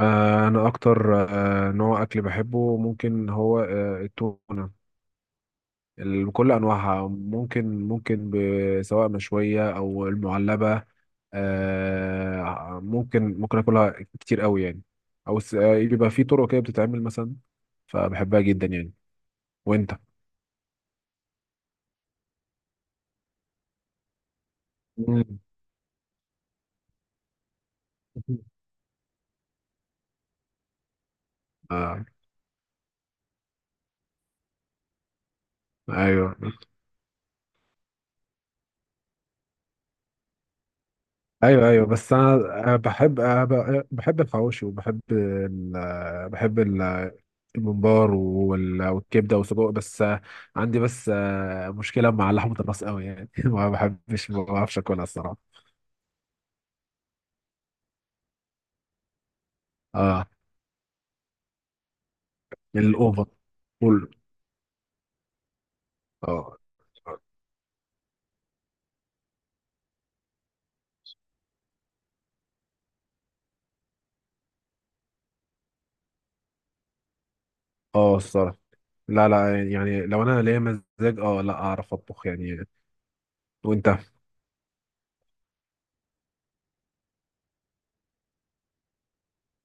انا اكتر نوع اكل بحبه، ممكن هو التونه. بكل انواعها، ممكن سواء مشويه او المعلبه. ممكن اكلها كتير قوي يعني، او بيبقى في طرق كده بتتعمل مثلا، فبحبها جدا يعني. وانت؟ مم. آه. ايوه، ايوه، ايوه. بس انا بحب الحواوشي، وبحب ال... آه، بحب ال... الممبار والكبده والسجق. بس عندي بس مشكله مع لحمه الراس قوي يعني. ما بحبش، ما بعرفش اكلها الصراحه. اه. الاوفر كله. اه، اه، الصراحه لا، لا. يعني لو انا ليا مزاج لا، اعرف اطبخ يعني. وانت؟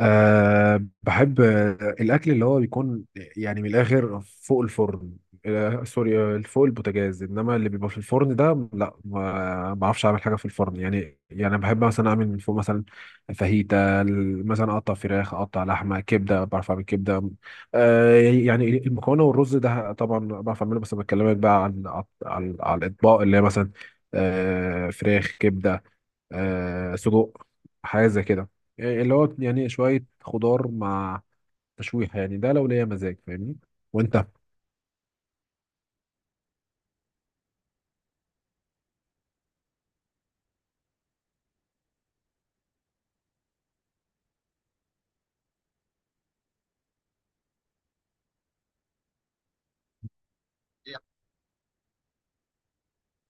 بحب الأكل اللي هو بيكون يعني من الآخر فوق الفرن، سوري، فوق البوتاجاز، إنما اللي بيبقى في الفرن ده لا، ما بعرفش أعمل حاجة في الفرن يعني بحب مثلا أعمل من فوق مثلا فاهيتا، مثلا أقطع فراخ، أقطع لحمة، كبدة، بعرف أعمل كبدة. يعني المكرونة والرز ده طبعا بعرف أعمله، بس بكلمك بقى على الأطباق اللي هي مثلا فراخ، كبدة، سجق، حاجه زي كده، إيه اللي هو يعني شويه خضار مع تشويحه يعني. ده لو ليا مزاج، فاهمني؟ وانت؟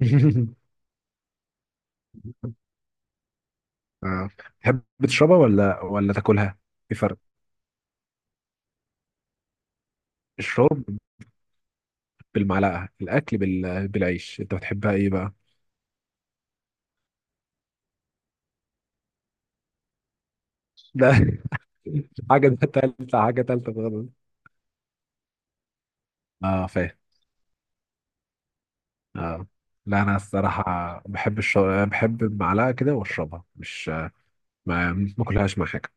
آه. تحب تشربها ولا تاكلها؟ في فرق. الشرب بالمعلقه، الاكل بالعيش. انت بتحبها ايه بقى؟ ده حاجه، ده تالته، حاجه تالته خالص. اه فاهم. اه. لا انا الصراحه بحب المعلقه كده واشربها، مش ما اكلهاش مع حاجه،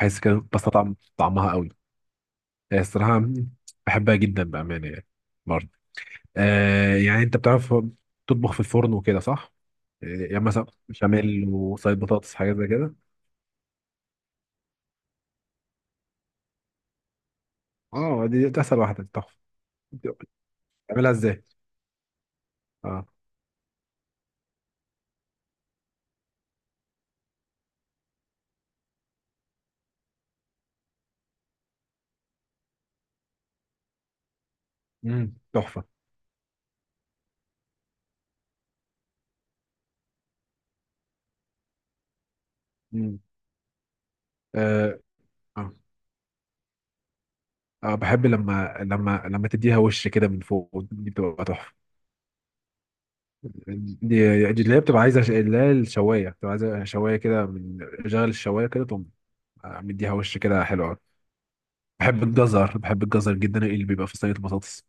بحس كده بستطعم طعمها قوي. هي الصراحة بحبها جدا بأمانة يعني، برضه. يعني أنت بتعرف تطبخ في الفرن وكده، صح؟ يعني مثلا بشاميل، وصيد بطاطس، حاجات زي كده. اه، دي أسهل واحدة، تحفة. بتعملها ازاي؟ اه. امم، تحفة. امم. آه. آه. اه، بحب لما لما تديها وش كده من فوق، دي بتبقى تحفة. دي دي اللي هي بتبقى عايزة اللي هي الشواية، بتبقى عايزة شواية كده، من شغل الشواية كده تقوم مديها وش كده، حلو أوي. بحب الجزر، بحب الجزر جدا اللي بيبقى في صينية البطاطس،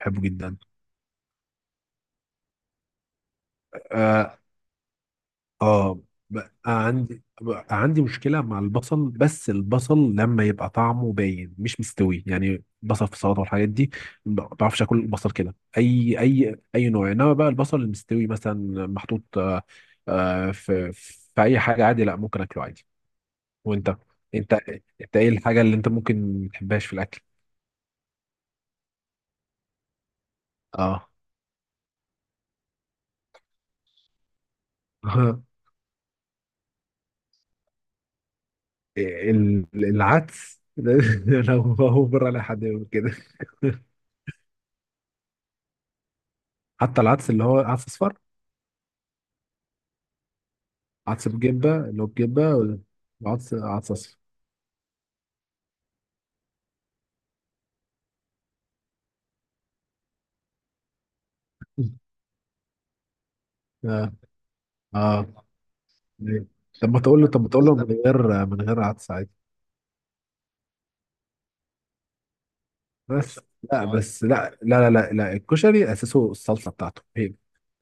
بحبه جدا. اه، اه. بقى عندي مشكلة مع البصل، بس البصل لما يبقى طعمه باين مش مستوي، يعني بصل في السلطة والحاجات دي ما بعرفش اكل البصل كده اي نوع. انما بقى البصل المستوي مثلا محطوط في اي حاجة، عادي، لا ممكن اكله عادي. وانت، انت انت ايه الحاجة اللي انت ممكن ما تحبهاش في الاكل؟ اه. العدس. لو هو بره، لا حد يقول كده. حتى العدس اللي هو عدس اصفر، عدس بجبه اللي هو بجبه، وعدس اصفر. اه، اه، إيه. طب ما تقول له، من غير من غير عدس، عادي. بس لا، بس لا لا لا لا، لا. الكشري اساسه الصلصه بتاعته، هي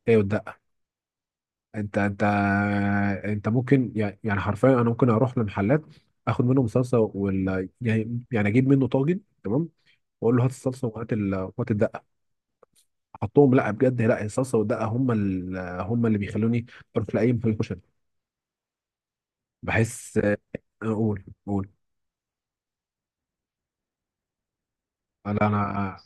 هي والدقه. انت انت انت ممكن يعني حرفيا، انا ممكن اروح لمحلات، اخد منهم صلصه ولا يعني اجيب منه طاجن، تمام، واقول له هات الصلصه وهات وهات الدقه، احطهم. لا بجد، لا، الصلصه والدقه هم هم اللي بيخلوني اروح لاي محل كشري. بحس اقول لا انا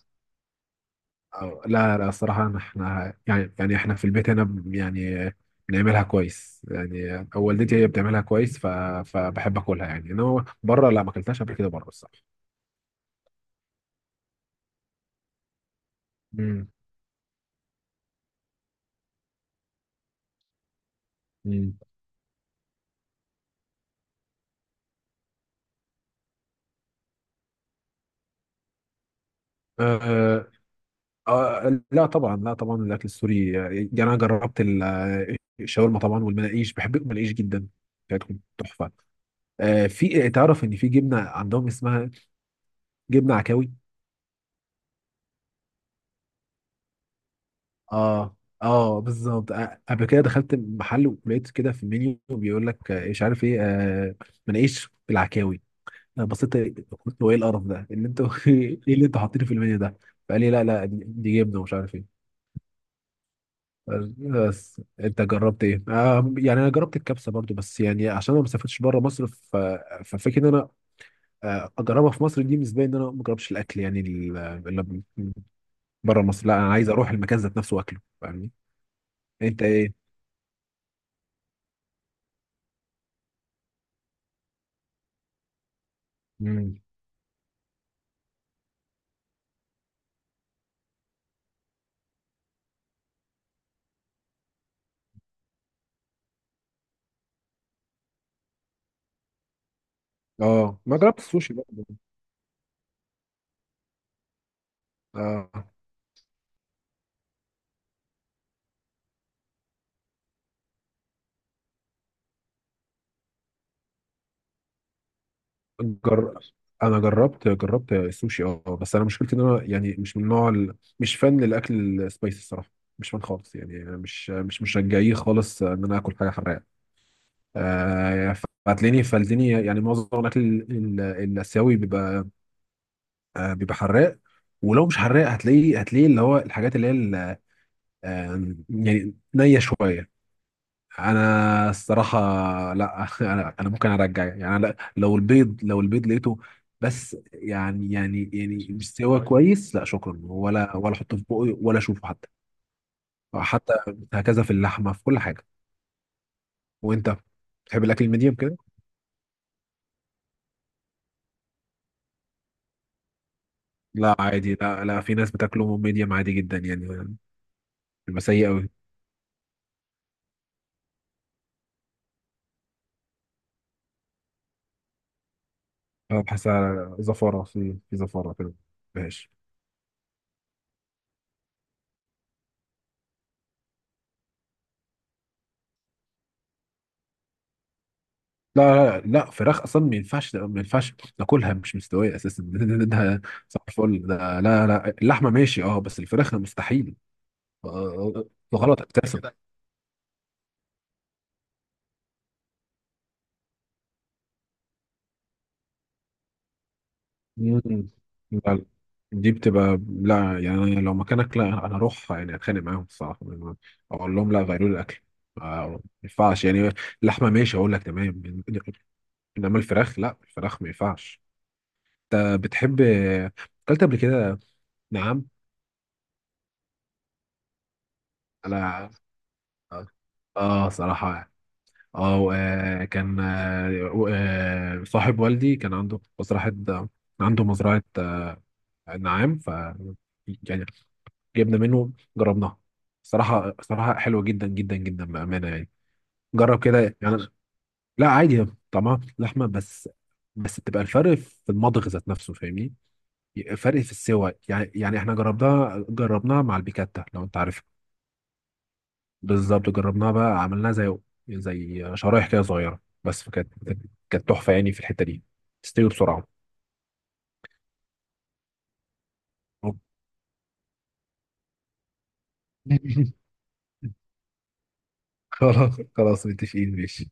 لا لا الصراحه، احنا يعني احنا في البيت هنا يعني بنعملها كويس يعني، أو والدتي هي بتعملها كويس، فبحب اكلها يعني. انما بره، لا، ما اكلتهاش قبل كده بره الصراحه. مم. آه، آه، لا طبعا، لا طبعا الاكل السوري، يعني انا جربت الشاورما طبعا، والمناقيش، بحب المناقيش جدا بتاعتهم، تحفه. في، تعرف ان في جبنه عندهم اسمها جبنه عكاوي. اه، اه، بالظبط. قبل كده دخلت محل ولقيت كده في المنيو بيقول لك مش عارف ايه، مناقيش بالعكاوي. انا بصيت، قلت هو ايه القرف ده، إيه اللي انتوا ايه اللي انتوا حاطينه في المنيو ده؟ فقال لي لا، لا دي جبنه ومش عارف ايه. بس انت جربت ايه؟ يعني انا جربت الكبسه برضو، بس يعني عشان انا ما سافرتش بره مصر، ففكره ان انا اجربها في مصر، دي بالنسبه لي ان انا ما جربش الاكل يعني اللي بره مصر. لا انا عايز اروح المكان ذات نفسه واكله، فاهمني؟ انت ايه؟ مم. اه ما جربت السوشي برضو. آه. جر... انا جربت السوشي، اه. بس انا مشكلتي ان انا يعني مش من نوع مش فان للاكل السبايسي الصراحه، مش فان خالص يعني. أنا مش رجعيه خالص ان انا اكل حاجه حراقه. آه، فهتلاقيني فالدنيا، يعني معظم الاكل الاسيوي بيبقى، بيبقى حراق، ولو مش حراق هتلاقيه، هتلاقيه اللي هو الحاجات اللي هي يعني نيه شويه. انا الصراحه، لا. انا ممكن ارجع يعني، أنا لا، لو البيض، لو البيض لقيته بس يعني مستوى كويس، لا شكرا، ولا احطه في بوقي، ولا اشوفه حتى هكذا في اللحمه، في كل حاجه. وانت بتحب الاكل الميديم كده؟ لا عادي، لا لا في ناس بتاكله ميديم عادي جدا يعني. بيبقى سيء قوي. اه، بحسها زفاره، في زفاره كده، مفيهاش. لا، لا لا، فراخ اصلا ما ينفعش، ما ينفعش ناكلها مش مستويه اساسا. ده صباح الفل. ده لا، لا اللحمه ماشي اه، بس الفراخ ده مستحيل. آه، آه، غلط اساسا. مم. لا، لا. دي بتبقى لا يعني، أنا لو مكانك لا، انا اروح يعني اتخانق معاهم الصراحه، اقول لهم لا غيروا لي الاكل، آه، ما ينفعش يعني. لحمه ماشي اقول لك، تمام. انما الفراخ لا، الفراخ ما ينفعش. انت بتحب، اكلت قبل كده؟ نعم. على، اه. صراحه يعني. اه، كان صاحب والدي كان عنده مزرعه، عنده مزرعه نعام. يعني جبنا منه، جربناها، صراحه صراحه حلوه جدا جدا جدا بامانه يعني. جرب كده يعني. لا عادي، طعمها لحمه بس بتبقى الفرق في المضغ ذات نفسه، فاهمني؟ فرق في السوى يعني. احنا جربناها، جربناها مع البيكاتا لو انت عارفها. بالظبط، جربناها بقى، عملناها زي زي شرايح كده صغيره، بس كانت تحفه يعني في الحته دي، تستوي بسرعه. خلاص خلاص متفقين، ماشي.